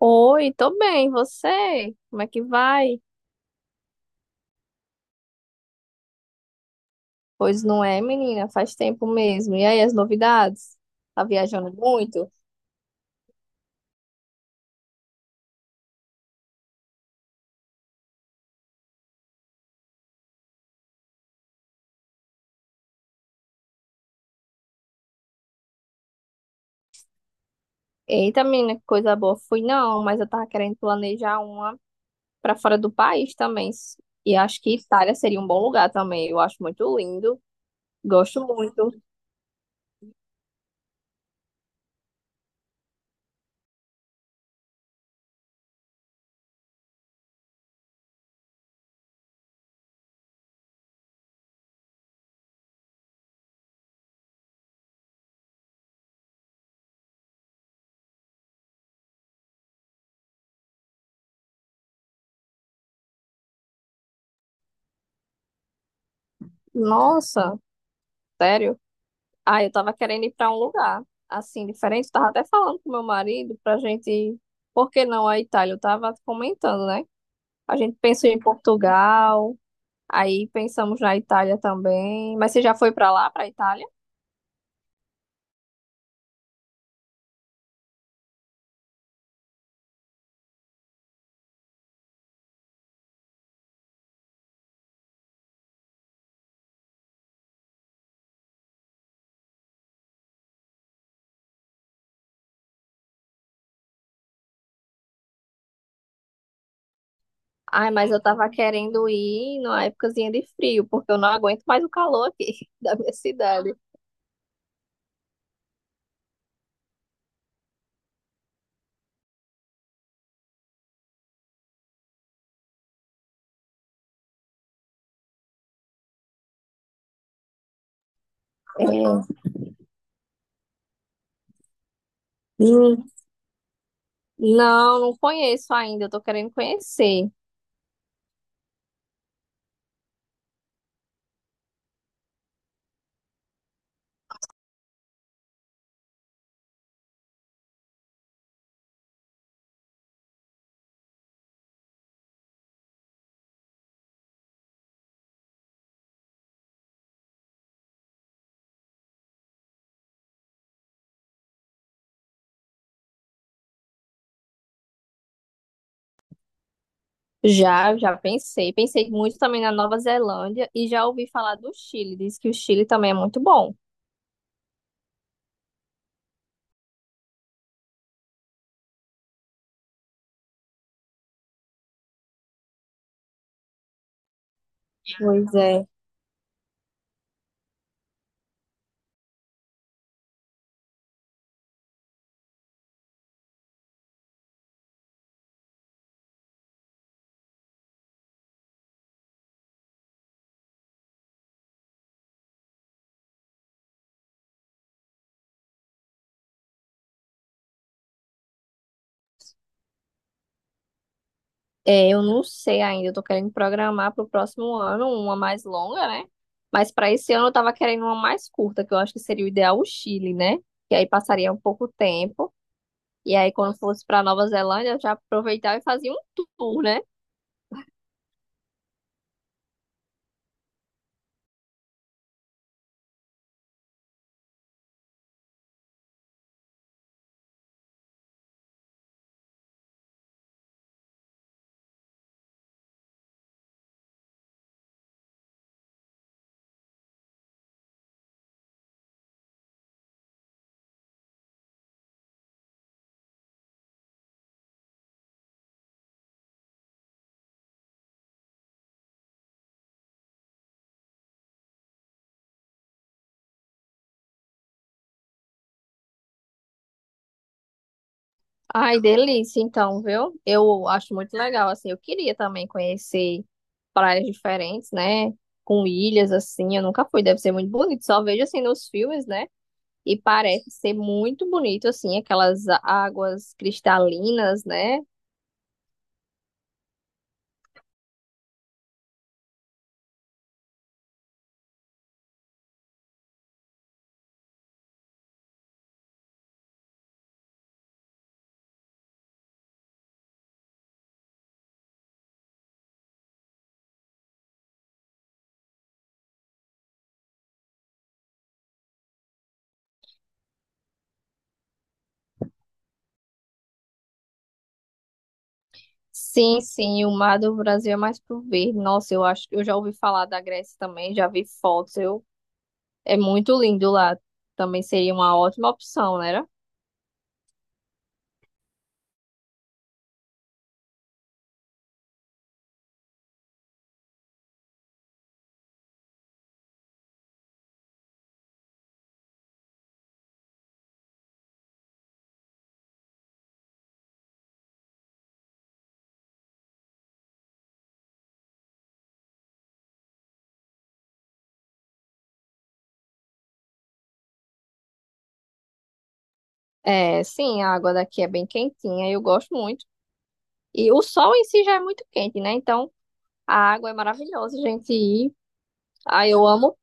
Oi, tô bem, e você? Como é que vai? Pois não é, menina, faz tempo mesmo. E aí, as novidades? Tá viajando muito? Eita, menina, que coisa boa. Fui não, mas eu tava querendo planejar uma pra fora do país também. E acho que Itália seria um bom lugar também. Eu acho muito lindo, gosto muito. Nossa, sério? Ah, eu tava querendo ir pra um lugar assim diferente. Tava até falando com meu marido pra gente, ir. Por que não a Itália? Eu tava comentando, né? A gente pensou em Portugal, aí pensamos na Itália também. Mas você já foi pra lá, pra Itália? Ai, mas eu tava querendo ir numa épocazinha de frio, porque eu não aguento mais o calor aqui da minha cidade. É. Hum. Não, não conheço ainda, eu tô querendo conhecer. Já, já pensei. Pensei muito também na Nova Zelândia e já ouvi falar do Chile. Diz que o Chile também é muito bom. Pois é. É, eu não sei ainda, eu tô querendo programar pro próximo ano uma mais longa, né? Mas para esse ano eu tava querendo uma mais curta, que eu acho que seria o ideal o Chile, né? Que aí passaria um pouco tempo. E aí quando fosse pra Nova Zelândia, eu já aproveitava e fazia um tour, né? Ai, delícia, então, viu? Eu acho muito legal, assim, eu queria também conhecer praias diferentes, né? Com ilhas, assim, eu nunca fui, deve ser muito bonito, só vejo assim nos filmes, né? E parece ser muito bonito, assim, aquelas águas cristalinas, né? Sim, sim, o mar do Brasil é mais pro verde. Nossa, eu acho que eu já ouvi falar da Grécia também, já vi fotos. É muito lindo lá. Também seria uma ótima opção, né? É, sim, a água daqui é bem quentinha, eu gosto muito. E o sol em si já é muito quente, né? Então a água é maravilhosa, gente. E ah, eu amo,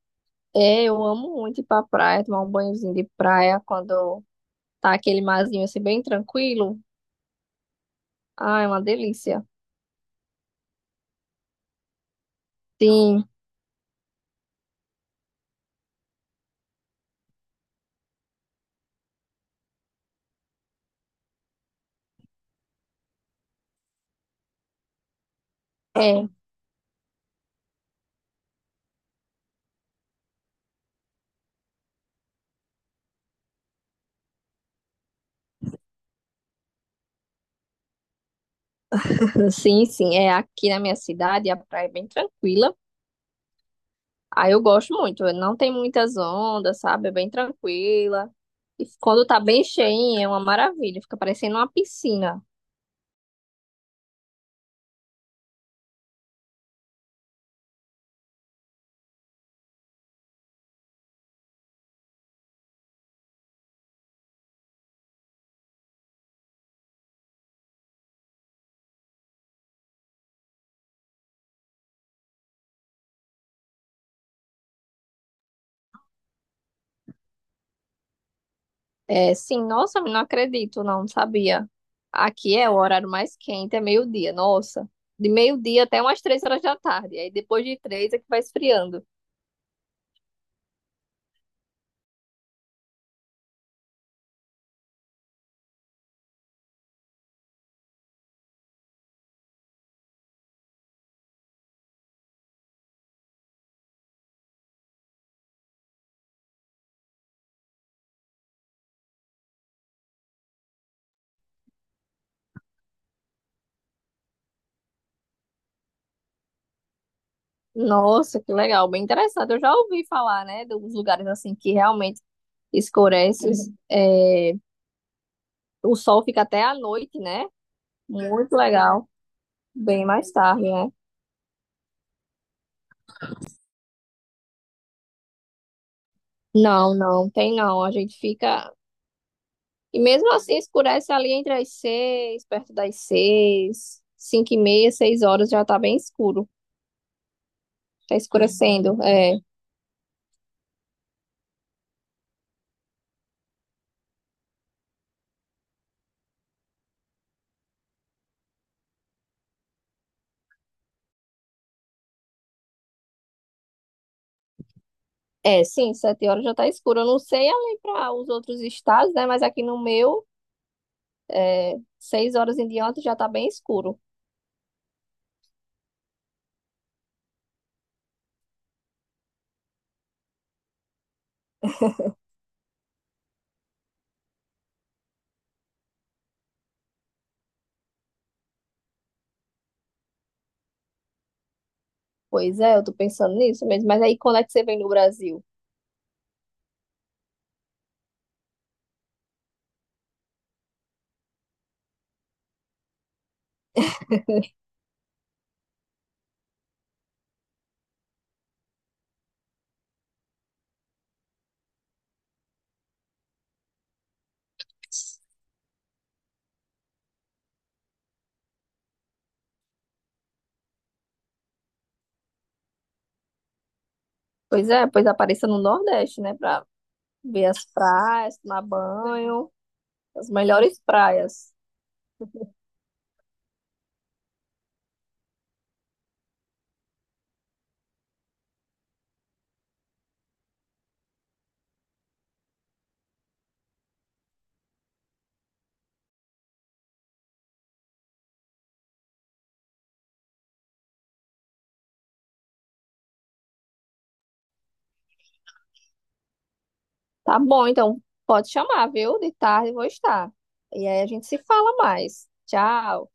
é, eu amo muito ir pra praia, tomar um banhozinho de praia quando tá aquele marzinho assim bem tranquilo. Ah, é uma delícia. Sim, é. Sim, sim. É aqui na minha cidade, a praia é bem tranquila. Aí eu gosto muito. Não tem muitas ondas, sabe? É bem tranquila. E quando tá bem cheinha, é uma maravilha. Fica parecendo uma piscina. É, sim, nossa, não acredito, não sabia. Aqui é o horário mais quente, é meio-dia, nossa. De meio-dia até umas 3 horas da tarde. Aí depois de três é que vai esfriando. Nossa, que legal, bem interessante. Eu já ouvi falar, né, dos lugares assim que realmente escurece, é, o sol fica até à noite, né? Muito legal, bem mais tarde, né? Não, não, tem não. A gente fica. E mesmo assim escurece ali entre as seis, perto das seis, cinco e meia, 6 horas já tá bem escuro. Tá escurecendo. É, sim, 7 horas já tá escuro. Eu não sei ali para os outros estados, né? Mas aqui no meu, é, 6 horas em diante já tá bem escuro. Pois é, eu tô pensando nisso mesmo. Mas aí quando é que você vem no Brasil? Pois é, pois apareça no Nordeste, né? Pra ver as praias, tomar banho, as melhores praias. Tá bom, então pode chamar, viu? De tarde eu vou estar. E aí a gente se fala mais. Tchau.